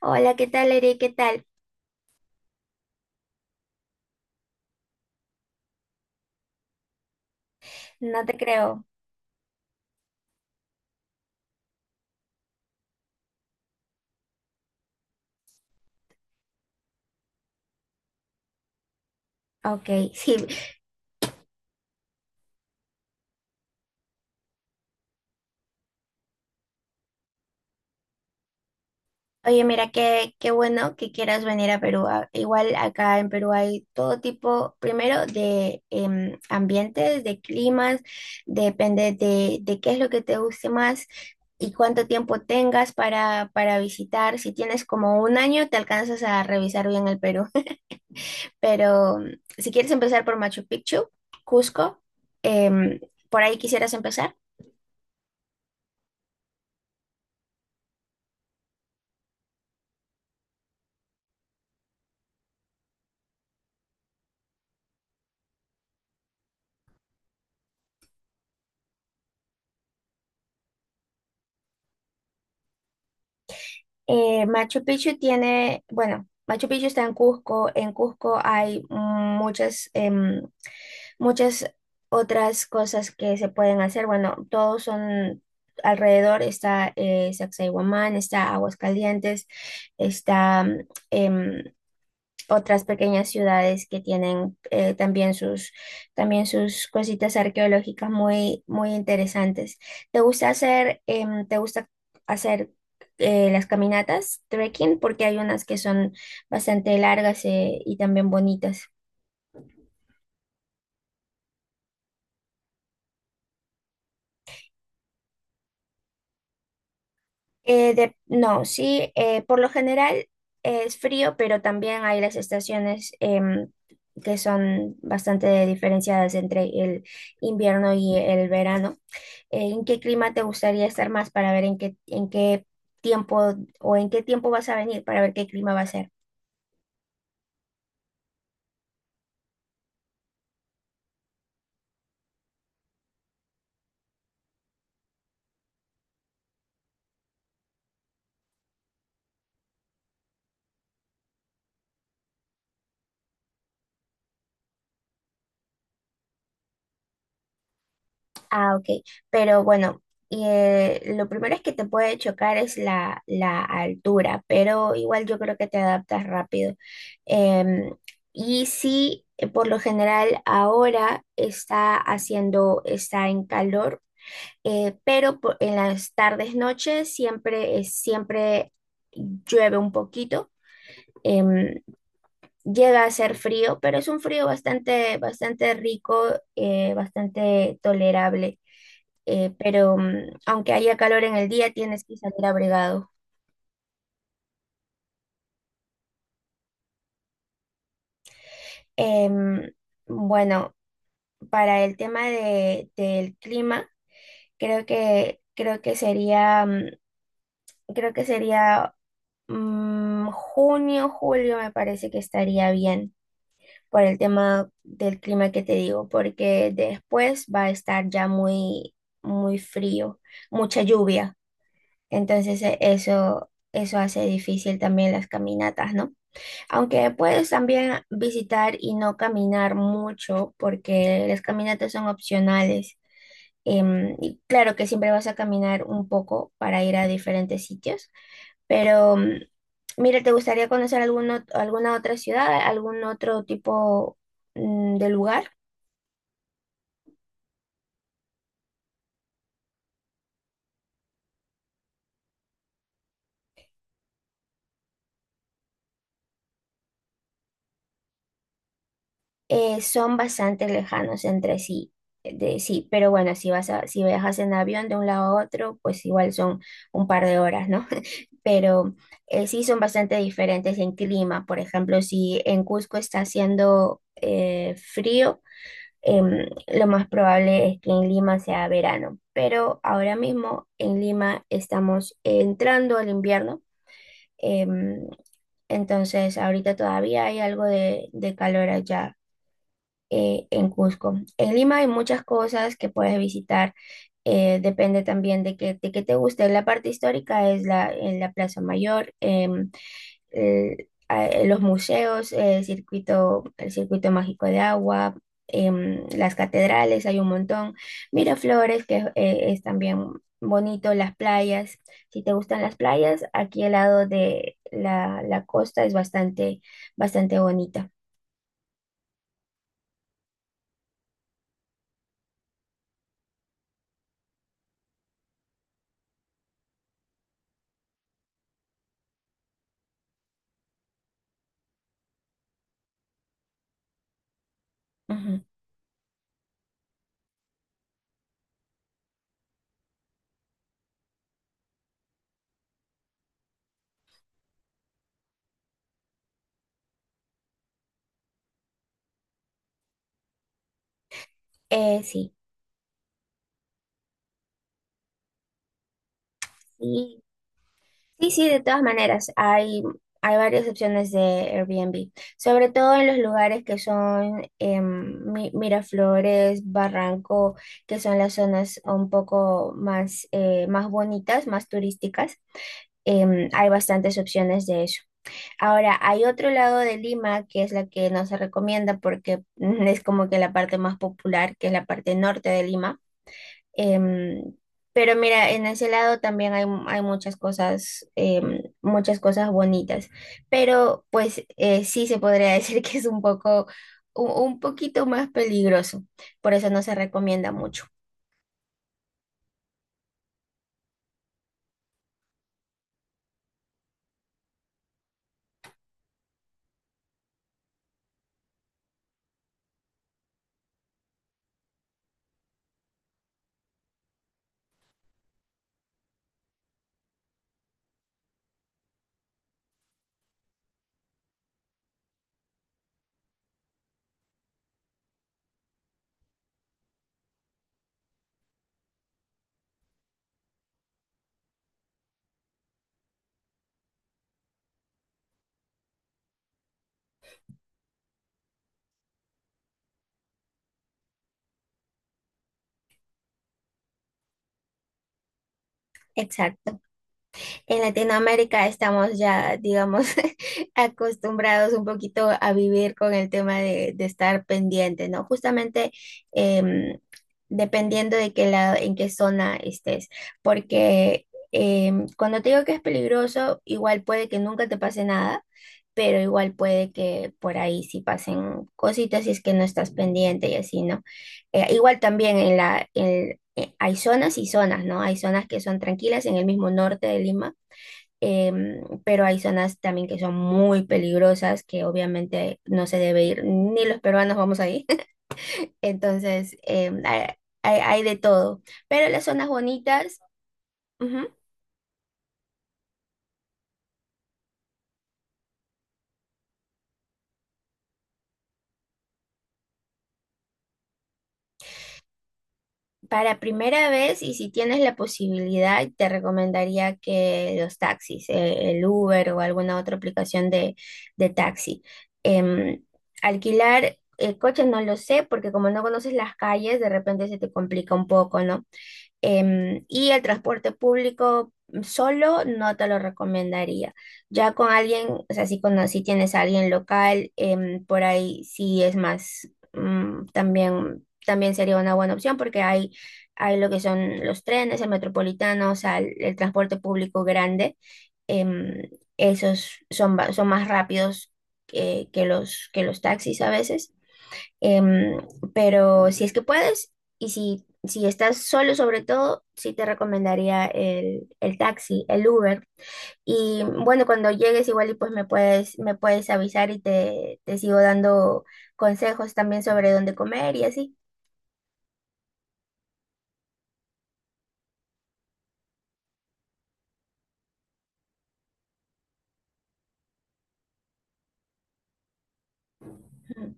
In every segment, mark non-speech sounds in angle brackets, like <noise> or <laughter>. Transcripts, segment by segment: Hola, ¿qué tal, Eri? ¿Qué tal? No te creo. Ok, <laughs> sí. Oye, mira, qué bueno que quieras venir a Perú. Igual acá en Perú hay todo tipo, primero, de ambientes, de climas, depende de qué es lo que te guste más y cuánto tiempo tengas para visitar. Si tienes como un año, te alcanzas a revisar bien el Perú. <laughs> Pero si quieres empezar por Machu Picchu, Cusco, em, ¿por ahí quisieras empezar? Machu Picchu bueno, Machu Picchu está en Cusco. En Cusco hay muchas otras cosas que se pueden hacer. Bueno, todos son alrededor. Está Sacsayhuamán, está Aguascalientes, está em, otras pequeñas ciudades que tienen también sus cositas arqueológicas muy, muy interesantes. ¿Te gusta hacer las caminatas, trekking? Porque hay unas que son bastante largas y también bonitas. No, sí, por lo general es frío, pero también hay las estaciones que son bastante diferenciadas entre el invierno y el verano. ¿En qué clima te gustaría estar más para ver en qué tiempo o en qué tiempo vas a venir para ver qué clima va a ser? Ah, ok. Pero bueno, lo primero es que te puede chocar es la altura, pero igual yo creo que te adaptas rápido. Em, y sí, por lo general ahora está en calor, en las tardes, noches siempre, siempre llueve un poquito. Em, Llega a ser frío, pero es un frío bastante, bastante rico, bastante tolerable. Pero aunque haya calor en el día, tienes que salir abrigado. Em, bueno, para el tema del clima, creo que sería, creo que sería junio, julio, me parece que estaría bien. Por el tema del clima que te digo, porque después va a estar ya muy, muy frío, mucha lluvia. Entonces eso hace difícil también las caminatas, ¿no? Aunque puedes también visitar y no caminar mucho, porque las caminatas son opcionales. Y claro que siempre vas a caminar un poco para ir a diferentes sitios, pero, mira, ¿te gustaría conocer algún alguna otra ciudad, algún otro tipo de lugar? Son bastante lejanos entre sí, sí, pero bueno, si si viajas en avión de un lado a otro, pues igual son un par de horas, ¿no? <laughs> Pero sí son bastante diferentes en clima. Por ejemplo, si en Cusco está haciendo frío, lo más probable es que en Lima sea verano, pero ahora mismo en Lima estamos entrando al invierno. em, entonces ahorita todavía hay algo de calor allá en Cusco. En Lima hay muchas cosas que puedes visitar, depende también de qué te guste. La parte histórica es en la Plaza Mayor. Los museos, el circuito mágico de agua, las catedrales, hay un montón. Miraflores, que es también bonito, las playas. Si te gustan las playas, aquí al lado de la costa es bastante, bastante bonita. Ujú. Sí, sí. Sí, sí, de todas maneras, hay varias opciones de Airbnb, sobre todo en los lugares que son Miraflores, Barranco, que son las zonas un poco más bonitas, más turísticas. Hay bastantes opciones de eso. Ahora, hay otro lado de Lima que es la que no se recomienda porque <laughs> es como que la parte más popular, que es la parte norte de Lima. Em, pero mira, en ese lado también hay muchas cosas, muchas cosas bonitas. Pero pues sí se podría <laughs> decir que es un poquito más peligroso. Por eso no se recomienda mucho. Exacto. En Latinoamérica estamos ya, digamos, <laughs> acostumbrados un poquito a vivir con el tema de estar pendiente, ¿no? Justamente em, dependiendo de qué lado, en qué zona estés, porque cuando te digo que es peligroso, igual puede que nunca te pase nada, pero igual puede que por ahí sí pasen cositas si es que no estás pendiente y así, ¿no? Igual también hay zonas y zonas, ¿no? Hay zonas que son tranquilas en el mismo norte de Lima. Pero hay zonas también que son muy peligrosas, que obviamente no se debe ir, ni los peruanos vamos ahí. <laughs> Entonces, hay de todo. Pero las zonas bonitas, ujú, para primera vez, y si tienes la posibilidad, te recomendaría que los taxis, el Uber o alguna otra aplicación de taxi. Em, El coche no lo sé porque como no conoces las calles, de repente se te complica un poco, ¿no? Y el transporte público solo no te lo recomendaría. Ya con alguien, o sea, si tienes a alguien local, por ahí sí es más, también sería una buena opción porque hay lo que son los trenes, el metropolitano, o sea, el transporte público grande. em, esos son más rápidos que los taxis a veces. Em, pero si es que puedes y si estás solo sobre todo, sí te recomendaría el taxi, el Uber. Y bueno, cuando llegues igual y pues me puedes avisar y te sigo dando consejos también sobre dónde comer y así. Ujú.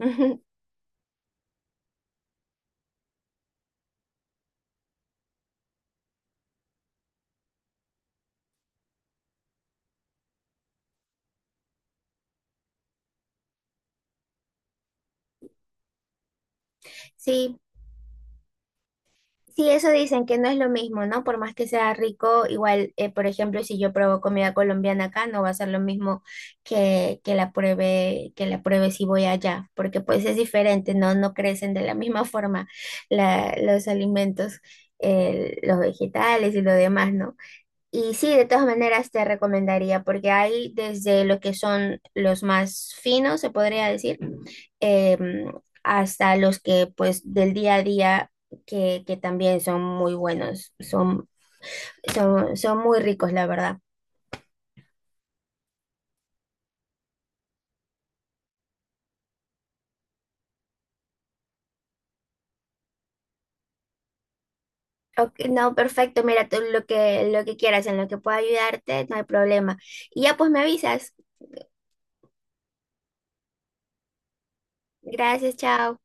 <laughs> Sí, sí, eso dicen que no es lo mismo, ¿no? Por más que sea rico, igual, por ejemplo, si yo pruebo comida colombiana acá, no va a ser lo mismo que la pruebe si voy allá, porque pues es diferente, ¿no? No crecen de la misma <laughs> forma los alimentos, los vegetales y lo demás, ¿no? Y sí, de todas maneras te recomendaría, porque hay desde lo que son los más finos, se podría decir, em, hasta los que pues del día a día que también son muy buenos, son muy ricos, la verdad. Ok, no, perfecto, mira, tú lo que quieras, en lo que pueda ayudarte, no hay problema. Y ya pues me avisas. Gracias, chao.